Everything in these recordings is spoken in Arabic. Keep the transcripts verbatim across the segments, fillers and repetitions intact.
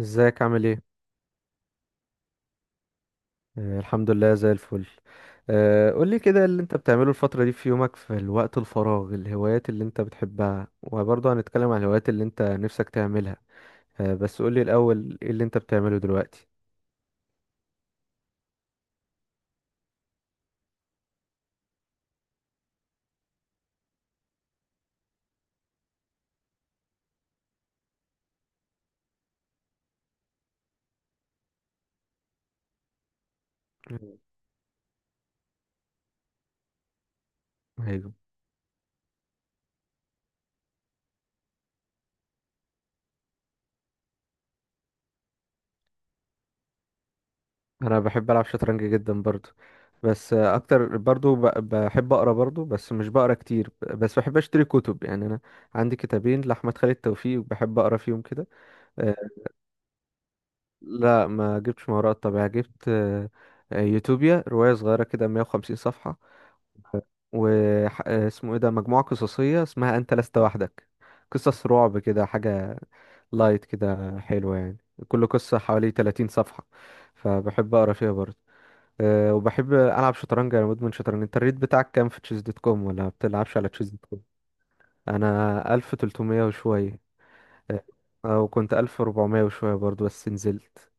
ازيك عامل ايه؟ آه، الحمد لله زي الفل. آه، قولي كده اللي انت بتعمله الفترة دي في يومك في الوقت الفراغ، الهوايات اللي انت بتحبها، وبرضه هنتكلم عن الهوايات اللي انت نفسك تعملها. آه، بس قولي الأول ايه اللي انت بتعمله دلوقتي. مم. ايوه. انا بحب العب شطرنج جدا برضو، بس آه، اكتر برضو ب- بحب اقرا برضو، بس مش بقرا كتير. ب- بس بحب اشتري كتب، يعني انا عندي كتابين لاحمد خالد توفيق بحب اقرا فيهم كده. لا، ما جبتش ما وراء الطبيعة، جبت آه، آه، يوتوبيا، رواية صغيرة كده مية وخمسين صفحة. واسمه ايه ده، مجموعة قصصية اسمها أنت لست وحدك، قصص رعب كده، حاجة لايت كده حلوة يعني. كل قصة حوالي تلاتين صفحة، فبحب أقرأ فيها برضه. آه، وبحب ألعب شطرنج، أنا مدمن شطرنج. أنت الريت بتاعك كام في تشيز دوت كوم؟ ولا ما بتلعبش على تشيز دوت كوم؟ أنا ألف وتلتمية وشوية. آه، أو كنت ألف واربعمية وشوية برضه بس نزلت.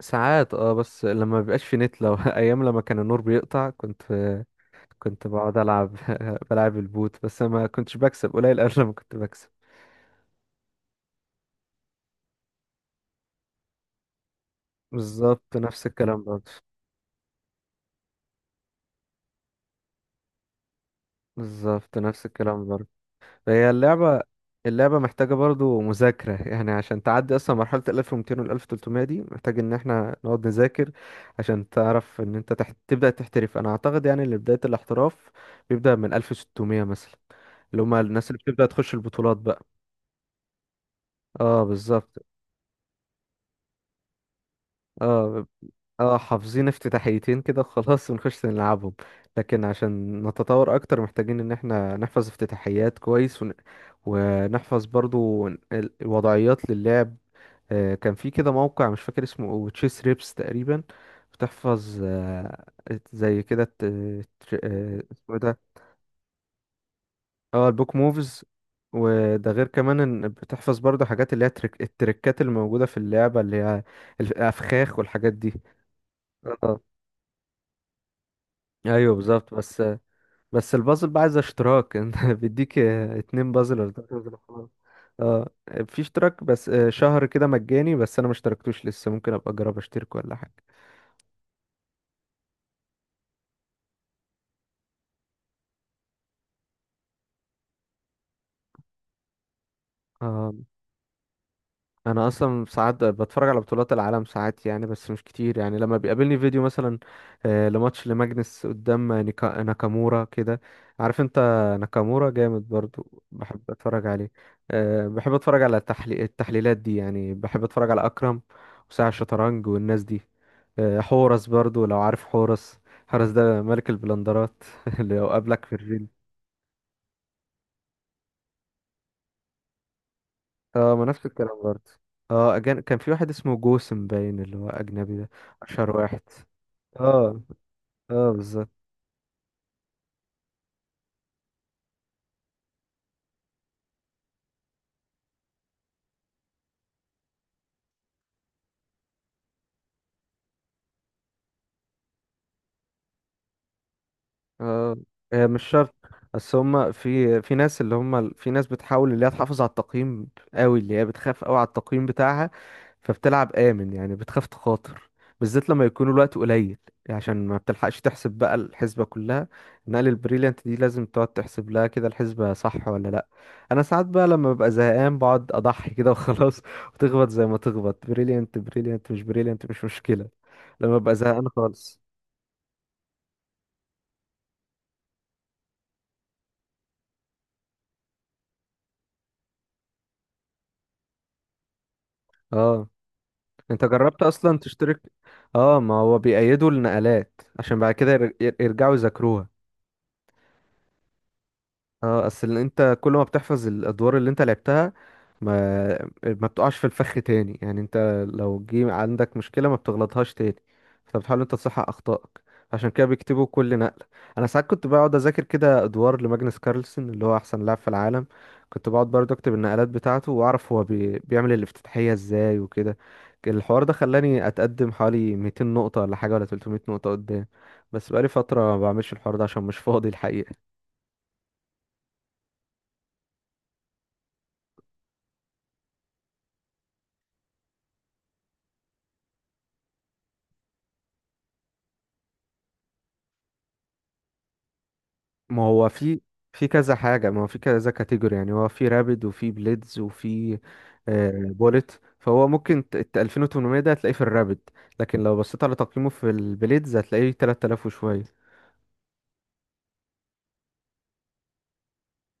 ساعات اه، بس لما بيبقاش في نت، لو ايام لما كان النور بيقطع كنت، كنت بقعد العب بلعب البوت، بس ما كنتش بكسب، قليل قوي لما كنت بكسب. بالظبط نفس الكلام برضه. بالظبط نفس الكلام برضه. هي اللعبة، اللعبة محتاجة برضه مذاكرة، يعني عشان تعدي أصلا مرحلة ال ألف ومتين وال ألف وتلتمية دي محتاج إن احنا نقعد نذاكر، عشان تعرف إن أنت تحت، تبدأ تحترف. أنا أعتقد يعني إن بداية الاحتراف بيبدأ من ألف وستمية مثلا، اللي هما الناس اللي بتبدأ تخش البطولات بقى. اه بالظبط. اه، اه حافظين افتتاحيتين كده وخلاص ونخش نلعبهم، لكن عشان نتطور اكتر محتاجين ان احنا نحفظ افتتاحيات كويس ون، ونحفظ برضو ال- الوضعيات للعب. آه كان في كده موقع مش فاكر اسمه تشيس ريبس تقريبا، بتحفظ آه، زي كده الت- تر- آه، اسمه إيه ده. اه البوك موفز. وده غير كمان ان بتحفظ برضو حاجات اللي هي تريك... التريكات اللي موجودة في اللعبة، اللي هي الافخاخ والحاجات دي. اه، ايوه بالظبط. بس، بس البازل بقى عايز اشتراك انت بيديك اتنين بازل ولا تلاتة بازل وخلاص. اه في اشتراك، بس آه، شهر كده مجاني، بس انا ما اشتركتوش لسه، ممكن ابقى اجرب اشترك ولا حاجه. اه، انا اصلا ساعات بتفرج على بطولات العالم ساعات يعني، بس مش كتير يعني، لما بيقابلني فيديو مثلا، آه، لماتش لماجنس قدام نيكا- ناكامورا كده، عارف انت. ناكامورا جامد برضو، بحب اتفرج عليه. آه، بحب اتفرج على التحلي- التحليلات دي، يعني بحب اتفرج على اكرم وساعة الشطرنج والناس دي. آه، حورس برضو لو عارف حورس، حورس ده ملك البلندرات اللي لو قابلك في الريل. اه، ما نفس الكلام برضه. اه أجن... كان في واحد اسمه جوسم باين اللي هو اجنبي ده، اشهر واحد. اه. اه بالظبط. آه، هي مش شرط، بس هما في، في ناس، اللي هما في ناس بتحاول اللي هي تحافظ على التقييم قوي، اللي هي بتخاف قوي على التقييم بتاعها، فبتلعب آمن يعني، بتخاف تخاطر، بالذات لما يكون الوقت قليل، يعني عشان ما بتلحقش تحسب بقى الحسبة كلها. نقل البريليانت دي لازم تقعد تحسب لها كده الحسبة، صح ولا لا. انا ساعات بقى لما ببقى زهقان بقعد اضحي كده وخلاص وتخبط زي ما تخبط، بريليانت بريليانت، مش بريليانت مش مشكلة، لما ببقى زهقان خالص. اه. انت جربت اصلا تشترك؟ اه ما هو بيأيدوا النقلات عشان بعد كده ير- ير- يرجعوا يذاكروها. اه، اصل انت كل ما بتحفظ الادوار اللي انت لعبتها ما، ما بتقعش في الفخ تاني، يعني انت لو جه عندك مشكله ما بتغلطهاش تاني، فبتحاول انت تصحح اخطائك، عشان كده بيكتبوا كل نقله. انا ساعات كنت بقعد اذاكر كده ادوار لماجنس كارلسن، اللي هو احسن لاعب في العالم، كنت بقعد برضه اكتب النقلات بتاعته واعرف هو بي... بيعمل الافتتاحيه ازاي وكده. الحوار ده خلاني اتقدم حوالي متين نقطه ولا حاجه، ولا تلتمية نقطه قدام، بس بقالي فتره ما بعملش الحوار ده عشان مش فاضي الحقيقه. ما هو في، في كذا حاجة، ما هو في كذا كاتيجوري يعني، هو في رابد وفي بليدز وفي بولت، فهو ممكن ت- الت- ألفين وتمنمية ده هتلاقيه في الرابد، لكن لو بصيت على تقييمه في البليدز هتلاقيه تلاتة آلاف وشوية.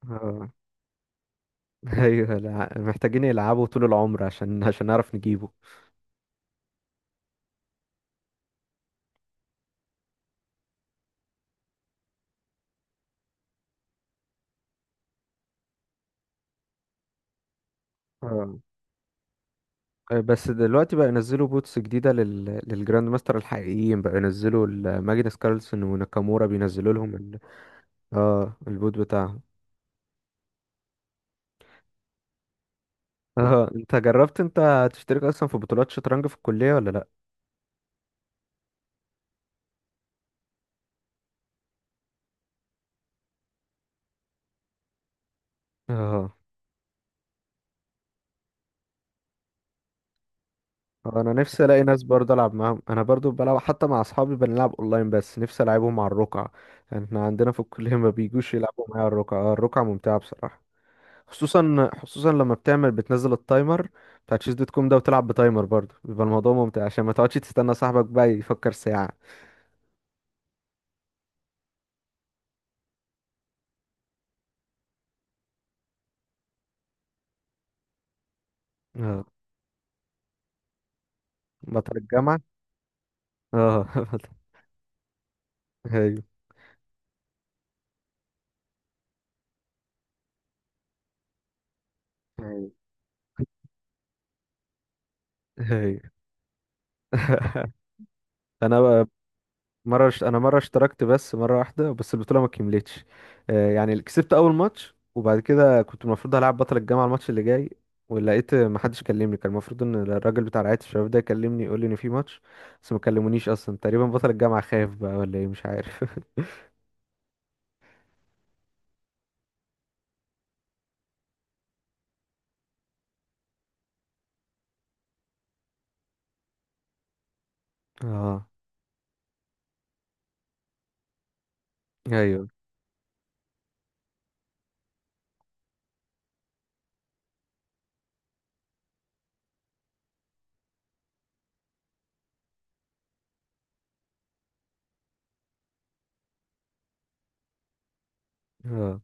اه ايوه لا، محتاجين يلعبوا طول العمر عشان، عشان نعرف نجيبه. اه. آه، بس دلوقتي بقى ينزلوا بوتس جديدة لل... للجراند ماستر الحقيقيين بقى، ينزلوا ال- ماجنس كارلسن وناكامورا بينزلوا لهم ال... اه البوت بتاعهم. اه انت جربت انت تشترك اصلا في بطولات شطرنج في الكلية ولا لا؟ اه، آه، انا نفسي الاقي ناس برضه العب معاهم، انا برضه بلعب حتى مع اصحابي بنلعب اونلاين، بس نفسي العبهم على الرقعة. احنا عندنا في الكلية ما بيجوش يلعبوا معايا على الرقعة. اه الرقعة ممتعة بصراحة، خصوصا خصوصا لما بتعمل، بتنزل التايمر بتاع تشيز دوت كوم ده وتلعب بتايمر برضه، بيبقى الموضوع ممتع عشان ما تقعدش تستنى صاحبك بقى يفكر ساعة. اه بطل الجامعة. اه بطل- ايوه. ايوه انا مرة اشت... انا مرة اشتركت بس مرة واحدة، بس البطولة ما كملتش. آه، يعني كسبت اول ماتش، وبعد كده كنت المفروض هلعب بطل الجامعة الماتش اللي جاي، ولقيت ما حدش كلمني، كان المفروض ان الراجل بتاع رعاية الشباب ده يكلمني يقول لي ان في ماتش، بس ما كلمونيش اصلا تقريبا، بطل الجامعة خايف بقى ولا ايه مش عارف. اه. ايوه. اه.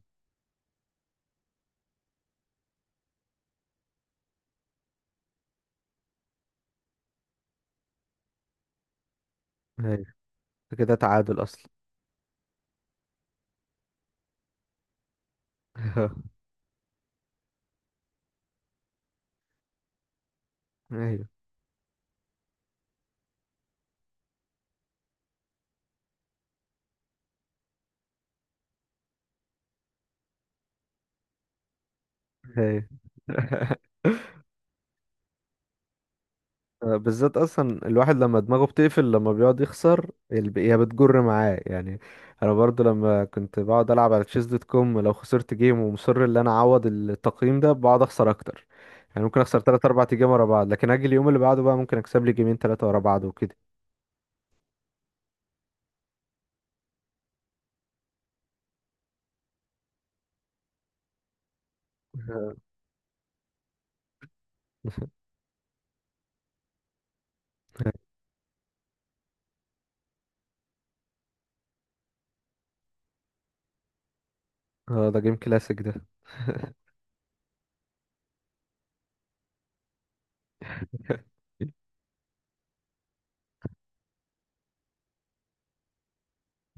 ايوه كده تعادل اصلا. ايوه. ايوه. آه، بالذات اصلا الواحد لما دماغه بتقفل لما بيقعد يخسر، الب- هي بتجر معاه يعني. انا برضو لما كنت بقعد العب على تشيز دوت كوم، لو خسرت جيم ومصر ان انا اعوض التقييم ده، بقعد اخسر اكتر، يعني ممكن اخسر تلاتة اربعة جيم ورا بعض، لكن اجي اليوم اللي بعده بقى ممكن اكسب لي جيمين تلاتة ورا بعض وكده. اه ده جيم كلاسيك ده.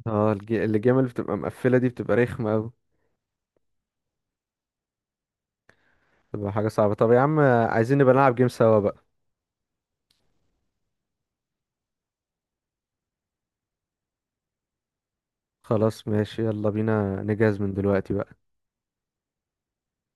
اه الجي... الجيم اللي بتبقى مقفلة دي بتبقى رخمة أوي، بتبقى حاجة صعبة. طب يا عم، آه، عايزين نبقى نلعب جيم سوا بقى. خلاص ماشي، يلا بينا نجهز من دلوقتي بقى.